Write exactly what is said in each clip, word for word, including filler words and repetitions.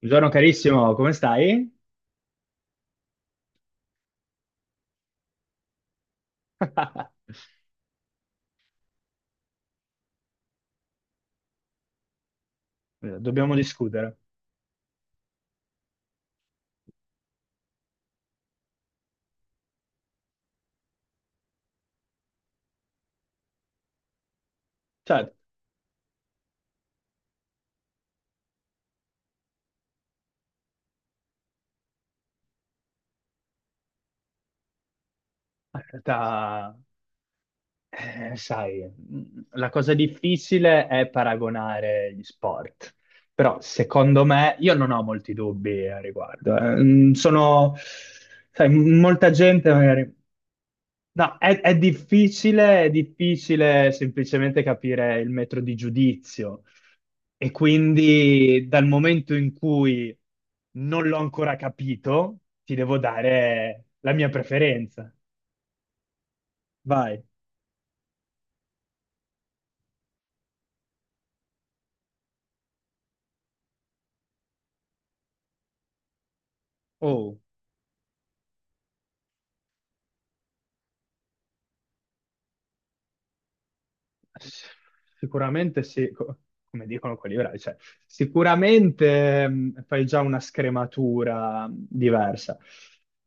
Buongiorno carissimo, come stai? Dobbiamo discutere. Cioè, in realtà, eh, sai, mh, la cosa difficile è paragonare gli sport. Però, secondo me, io non ho molti dubbi a riguardo. eh. Mm, Sono, sai, m- molta gente magari. No, è, è difficile, è difficile semplicemente capire il metro di giudizio e quindi dal momento in cui non l'ho ancora capito, ti devo dare la mia preferenza. Vai. Oh. Sicuramente sì, co- come dicono quelli bravi, cioè, sicuramente mh, fai già una scrematura diversa,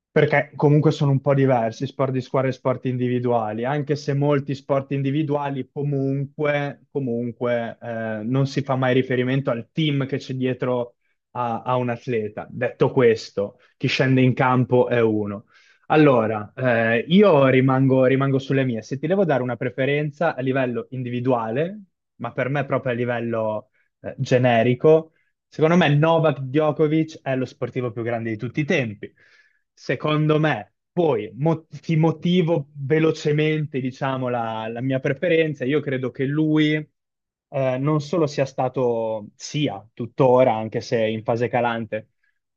perché comunque sono un po' diversi sport di squadra e sport individuali, anche se molti sport individuali comunque, comunque eh, non si fa mai riferimento al team che c'è dietro a, a un atleta. Detto questo, chi scende in campo è uno. Allora, eh, io rimango, rimango sulle mie. Se ti devo dare una preferenza a livello individuale, ma per me proprio a livello eh, generico, secondo me Novak Djokovic è lo sportivo più grande di tutti i tempi. Secondo me, poi mo- ti motivo velocemente, diciamo, la, la mia preferenza. Io credo che lui eh, non solo sia stato, sia tuttora, anche se in fase calante,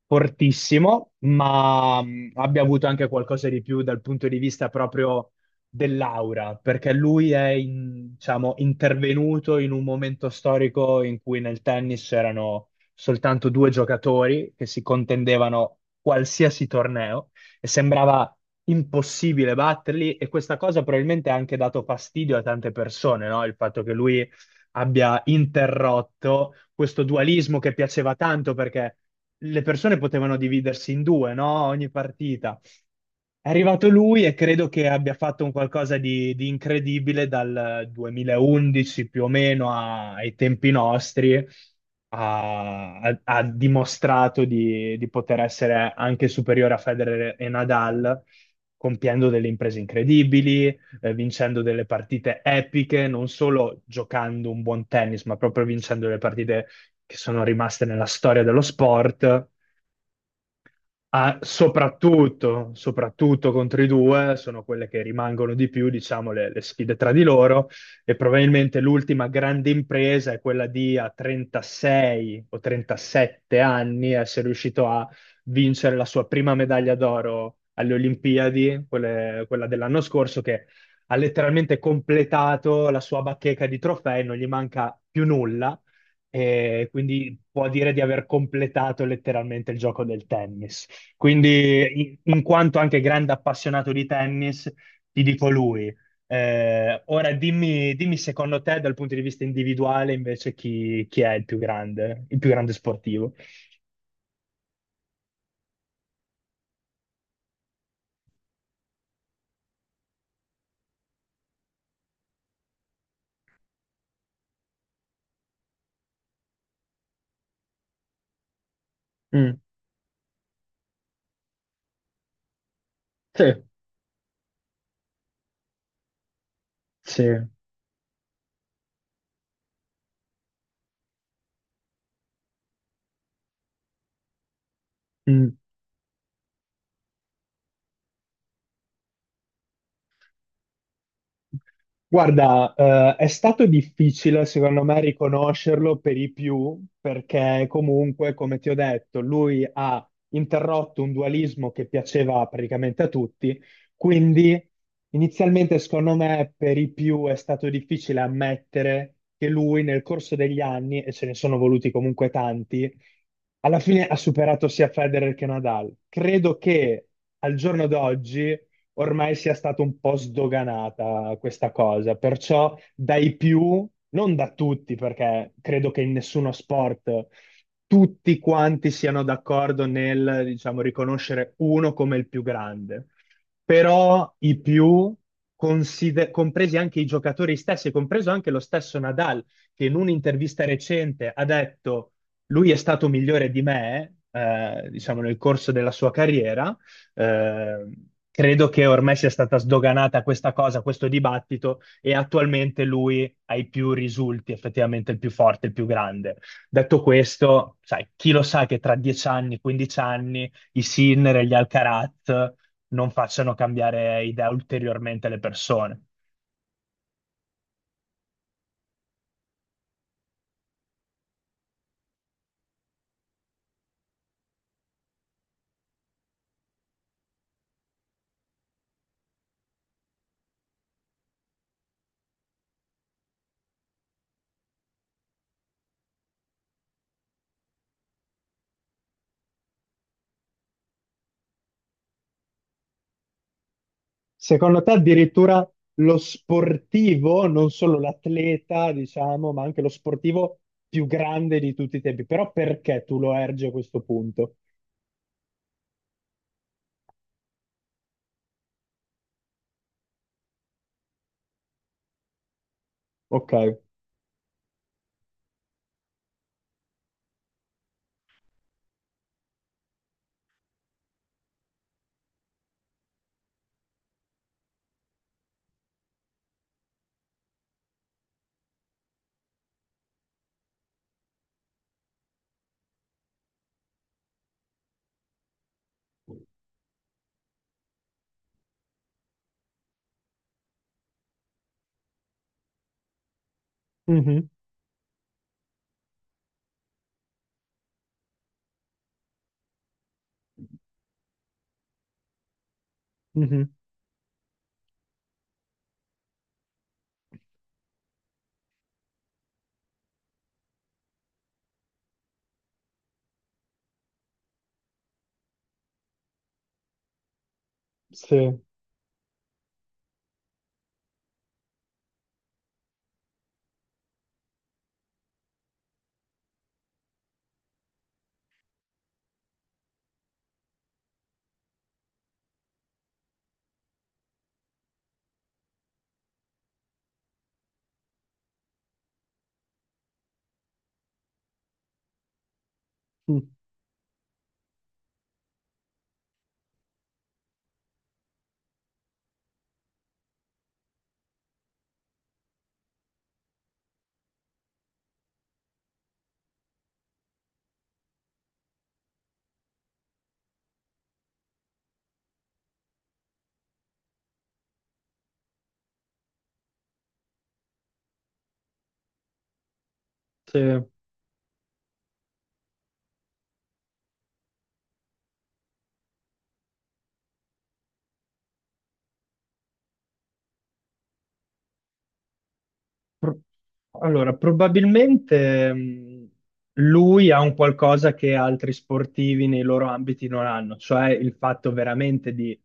fortissimo, ma mh, abbia avuto anche qualcosa di più dal punto di vista proprio dell'aura, perché lui è, in- diciamo, intervenuto in un momento storico in cui nel tennis c'erano soltanto due giocatori che si contendevano qualsiasi torneo e sembrava impossibile batterli, e questa cosa probabilmente ha anche dato fastidio a tante persone, no? Il fatto che lui abbia interrotto questo dualismo che piaceva tanto, perché le persone potevano dividersi in due, no? Ogni partita è arrivato lui e credo che abbia fatto un qualcosa di, di incredibile dal duemilaundici più o meno a- ai tempi nostri. Ha, ha- ha dimostrato di, di poter essere anche superiore a Federer e Nadal, compiendo delle imprese incredibili, eh, vincendo delle partite epiche, non solo giocando un buon tennis, ma proprio vincendo le partite che sono rimaste nella storia dello sport. Ah, soprattutto, soprattutto contro i due, sono quelle che rimangono di più, diciamo, le, le sfide tra di loro, e probabilmente l'ultima grande impresa è quella di a trentasei o trentasette anni essere riuscito a vincere la sua prima medaglia d'oro alle Olimpiadi, quelle- quella dell'anno scorso, che ha letteralmente completato la sua bacheca di trofei, non gli manca più nulla e quindi può dire di aver completato letteralmente il gioco del tennis. Quindi, in in quanto anche grande appassionato di tennis, ti dico lui. Eh, ora dimmi, dimmi secondo te, dal punto di vista individuale, invece, chi, chi è il più grande, il più grande sportivo? Mm. Sì, sì. Mm. Guarda, eh, è stato difficile secondo me riconoscerlo per i più, perché comunque, come ti ho detto, lui ha interrotto un dualismo che piaceva praticamente a tutti, quindi inizialmente secondo me per i più è stato difficile ammettere che lui nel corso degli anni, e ce ne sono voluti comunque tanti, alla fine ha superato sia Federer che Nadal. Credo che al giorno d'oggi ormai sia stata un po' sdoganata questa cosa, perciò dai più, non da tutti, perché credo che in nessuno sport tutti quanti siano d'accordo nel, diciamo, riconoscere uno come il più grande, però i più, consider- compresi anche i giocatori stessi, compreso anche lo stesso Nadal, che in un'intervista recente ha detto lui è stato migliore di me, eh, diciamo, nel corso della sua carriera, eh, credo che ormai sia stata sdoganata questa cosa, questo dibattito, e attualmente lui ha i più risulti, effettivamente il più forte, il più grande. Detto questo, sai, chi lo sa che tra dieci anni, quindici anni, i Sinner e gli Alcaraz non facciano cambiare idea ulteriormente le persone. Secondo te addirittura lo sportivo, non solo l'atleta, diciamo, ma anche lo sportivo più grande di tutti i tempi. Però perché tu lo ergi a questo punto? Ok. Mhm. Mhm. Sì. Mm. Sì. Pro- Allora, probabilmente mh, lui ha un qualcosa che altri sportivi nei loro ambiti non hanno, cioè il fatto veramente di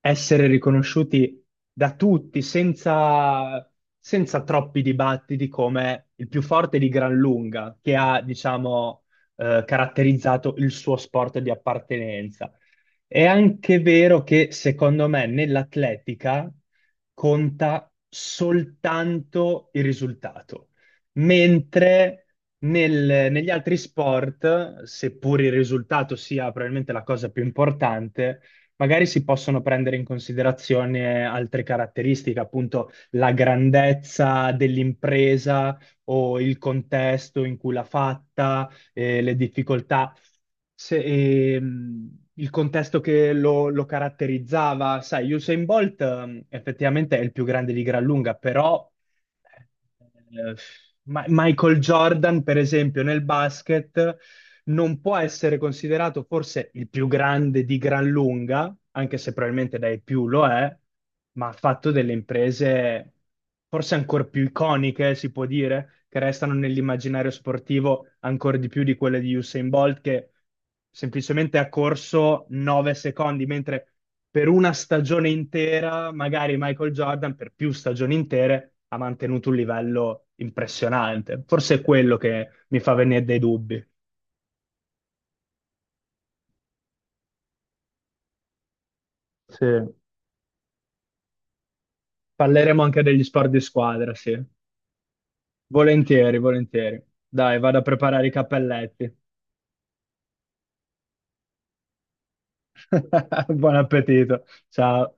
essere riconosciuti da tutti senza, senza troppi dibattiti come il più forte di gran lunga, che ha, diciamo, eh, caratterizzato il suo sport di appartenenza. È anche vero che secondo me nell'atletica conta soltanto il risultato, mentre nel- negli altri sport, seppur il risultato sia probabilmente la cosa più importante, magari si possono prendere in considerazione altre caratteristiche, appunto la grandezza dell'impresa o il contesto in cui l'ha fatta, eh, le difficoltà, se- ehm, il contesto che lo, lo caratterizzava. Sai, Usain Bolt ehm, effettivamente è il più grande di gran lunga, però eh, eh, Ma- Michael Jordan, per esempio, nel basket non può essere considerato forse il più grande di gran lunga, anche se probabilmente dai più lo è, ma ha fatto delle imprese forse ancora più iconiche, si può dire, che restano nell'immaginario sportivo ancora di più di quelle di Usain Bolt, che semplicemente ha corso nove secondi, mentre per una stagione intera, magari Michael Jordan per più stagioni intere ha mantenuto un livello impressionante. Forse è quello che mi fa venire dei dubbi. Sì, parleremo anche degli sport di squadra, sì. Volentieri, volentieri. Dai, vado a preparare i cappelletti. Buon appetito. Ciao.